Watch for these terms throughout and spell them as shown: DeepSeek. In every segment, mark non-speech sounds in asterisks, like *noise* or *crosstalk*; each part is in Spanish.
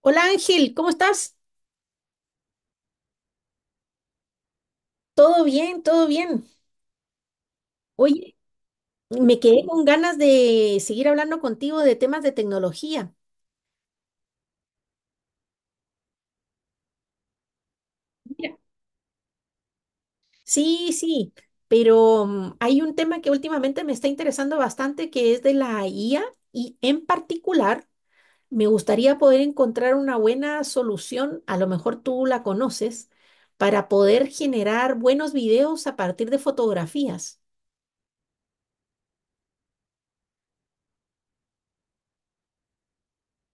Hola Ángel, ¿cómo estás? Todo bien, todo bien. Oye, me quedé con ganas de seguir hablando contigo de temas de tecnología. Mira. Sí, sí, pero hay un tema que últimamente me está interesando bastante que es de la IA y en particular me gustaría poder encontrar una buena solución, a lo mejor tú la conoces, para poder generar buenos videos a partir de fotografías.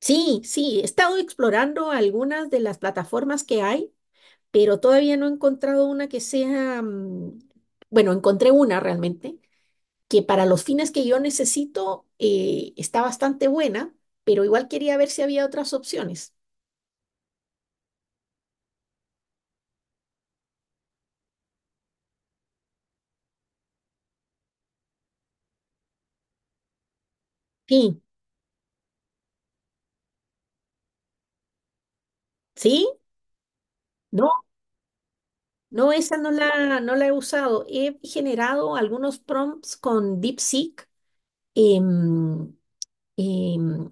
Sí, sí, he estado explorando algunas de las plataformas que hay pero todavía no he encontrado una que sea, bueno, encontré una realmente, que para los fines que yo necesito está bastante buena, pero igual quería ver si había otras opciones. Sí, sí, no, no, esa no la, no la he usado. He generado algunos prompts con DeepSeek. em, em,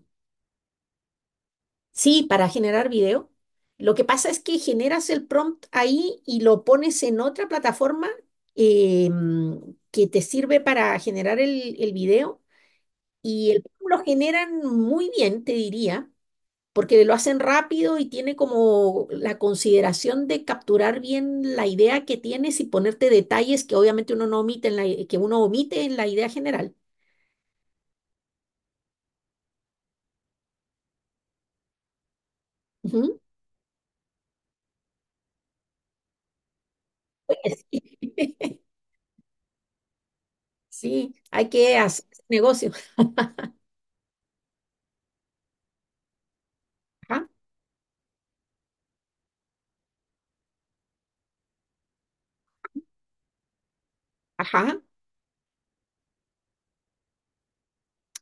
Sí, para generar video. Lo que pasa es que generas el prompt ahí y lo pones en otra plataforma eh, mm, que te sirve para generar el video y el, lo generan muy bien, te diría, porque lo hacen rápido y tiene como la consideración de capturar bien la idea que tienes y ponerte detalles que obviamente uno no omite en que uno omite en la idea general. Ujú. *laughs* Sí, hay que hacer negocio. Ajá, ajá.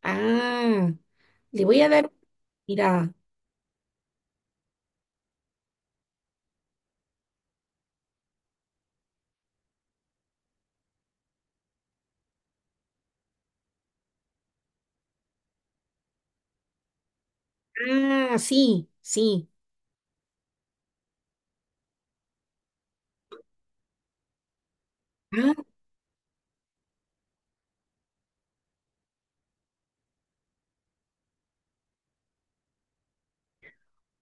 Ah, le voy a dar una mirada. Ah, sí, sí. Ah,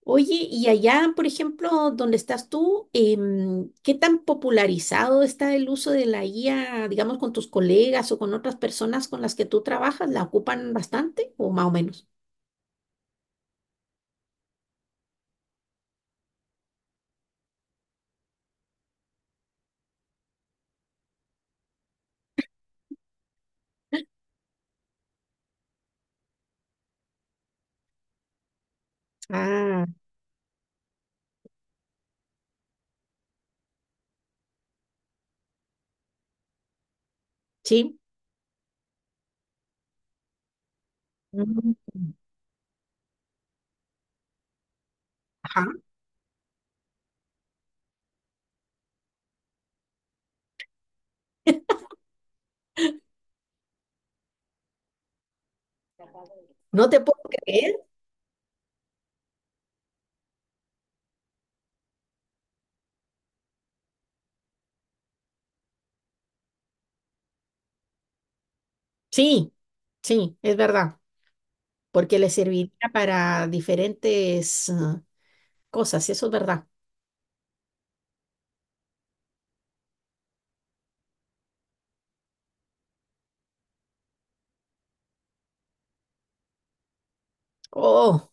oye, y allá, por ejemplo, donde estás tú, ¿qué tan popularizado está el uso de la IA, digamos, con tus colegas o con otras personas con las que tú trabajas? ¿La ocupan bastante o más o menos? Ah, sí. Mm. Ajá. No te puedo creer. Sí, sí, es verdad, porque le serviría para diferentes, ah, cosas, eso es verdad. Oh.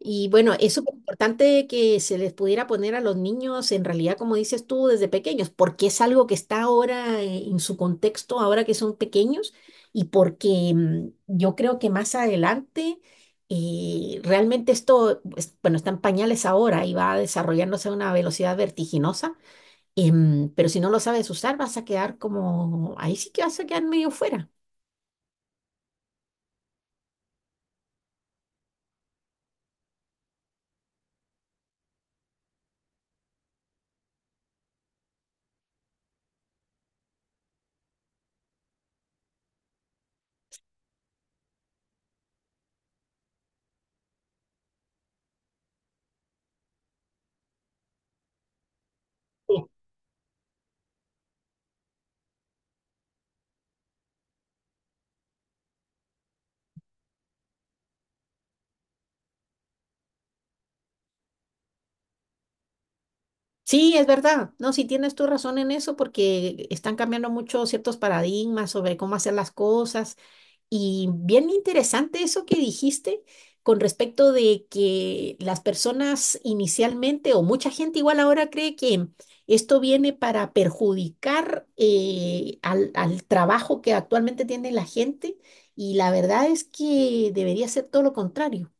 Y bueno, es súper importante que se les pudiera poner a los niños, en realidad, como dices tú, desde pequeños, porque es algo que está ahora en su contexto, ahora que son pequeños, y porque yo creo que más adelante, realmente esto, bueno, está en pañales ahora y va desarrollándose a una velocidad vertiginosa, pero si no lo sabes usar, vas a quedar como, ahí sí que vas a quedar medio fuera. Sí, es verdad. No, sí tienes tu razón en eso porque están cambiando mucho ciertos paradigmas sobre cómo hacer las cosas. Y bien interesante eso que dijiste con respecto de que las personas inicialmente o mucha gente igual ahora cree que esto viene para perjudicar al trabajo que actualmente tiene la gente y la verdad es que debería ser todo lo contrario.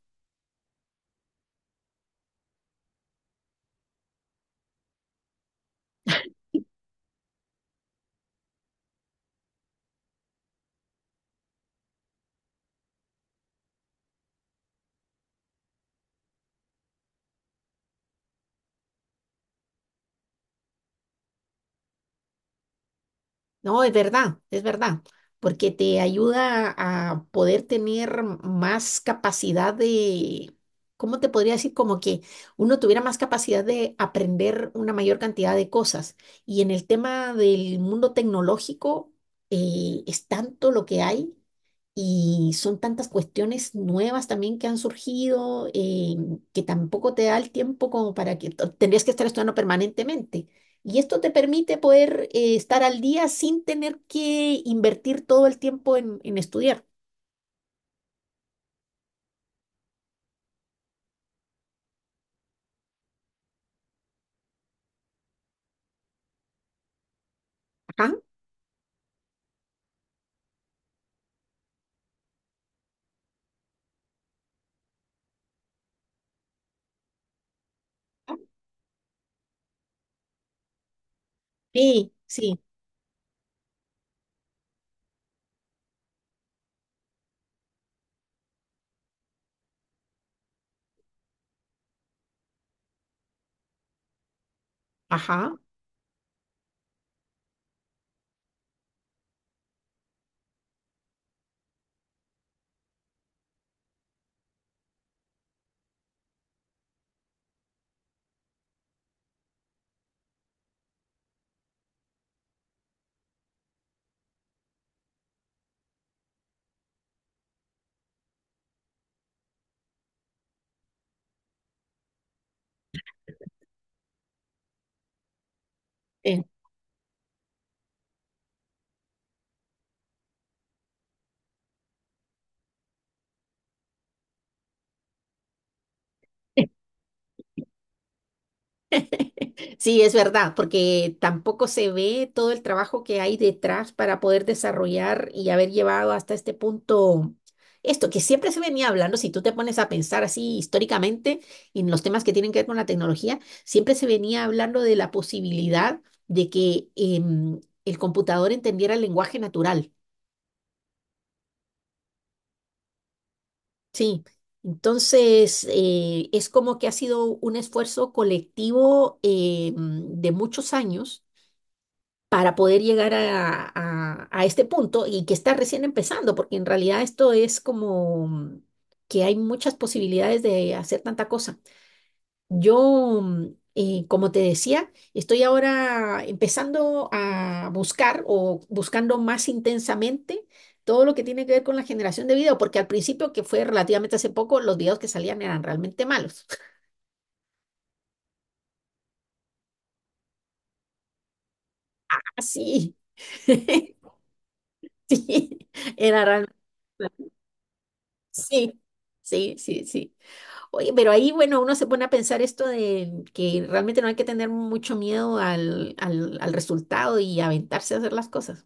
No, es verdad, porque te ayuda a poder tener más capacidad de, ¿cómo te podría decir? Como que uno tuviera más capacidad de aprender una mayor cantidad de cosas. Y en el tema del mundo tecnológico, es tanto lo que hay y son tantas cuestiones nuevas también que han surgido que tampoco te da el tiempo como para que tendrías que estar estudiando permanentemente. Y esto te permite poder estar al día sin tener que invertir todo el tiempo en estudiar. Ajá. Sí, sí. Ajá. Sí. *laughs* Sí, es verdad, porque tampoco se ve todo el trabajo que hay detrás para poder desarrollar y haber llevado hasta este punto esto que siempre se venía hablando, si tú te pones a pensar así históricamente en los temas que tienen que ver con la tecnología, siempre se venía hablando de la posibilidad de que el computador entendiera el lenguaje natural. Sí, entonces es como que ha sido un esfuerzo colectivo de muchos años para poder llegar a este punto y que está recién empezando, porque en realidad esto es como que hay muchas posibilidades de hacer tanta cosa. Yo, como te decía, estoy ahora empezando a buscar o buscando más intensamente todo lo que tiene que ver con la generación de video, porque al principio, que fue relativamente hace poco, los videos que salían eran realmente malos. *laughs* Así, *laughs* sí, era realmente... Sí, sí, sí, sí. Oye, pero ahí, bueno, uno se pone a pensar esto de que realmente no hay que tener mucho miedo al resultado y aventarse a hacer las cosas.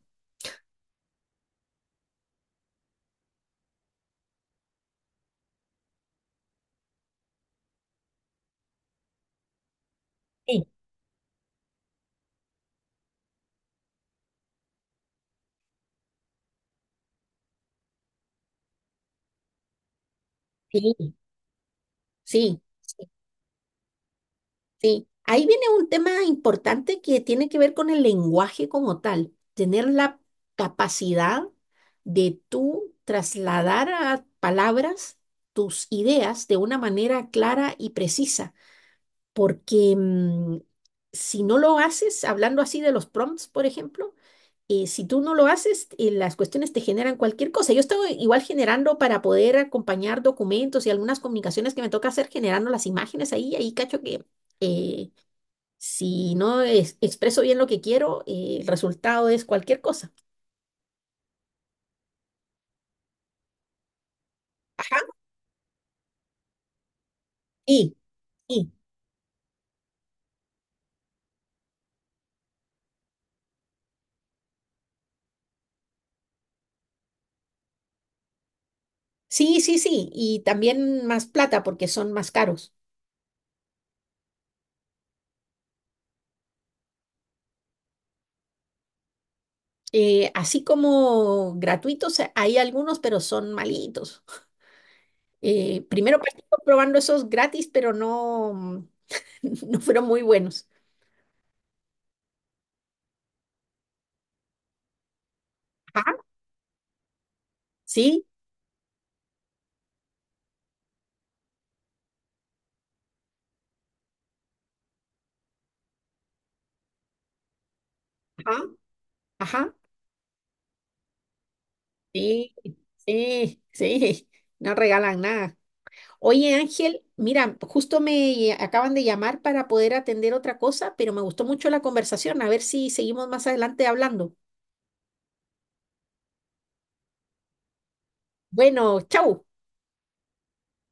Sí, sí. Sí, sí, sí. Ahí viene un tema importante que tiene que ver con el lenguaje como tal, tener la capacidad de tú trasladar a palabras tus ideas de una manera clara y precisa. Porque si no lo haces, hablando así de los prompts, por ejemplo, si tú no lo haces, las cuestiones te generan cualquier cosa. Yo estaba igual generando para poder acompañar documentos y algunas comunicaciones que me toca hacer, generando las imágenes ahí, ahí cacho que eh, si no expreso bien lo que quiero, el resultado es cualquier cosa. Ajá. Y, y, sí, sí, sí, y también más plata porque son más caros. Así como gratuitos, hay algunos, pero son malitos. Primero partimos probando esos gratis, pero no, *laughs* no fueron muy buenos. Ajá, sí, ajá, ajá, sí, sí, sí, no regalan nada. Oye, Ángel, mira, justo me acaban de llamar para poder atender otra cosa, pero me gustó mucho la conversación. A ver si seguimos más adelante hablando. Bueno, chau.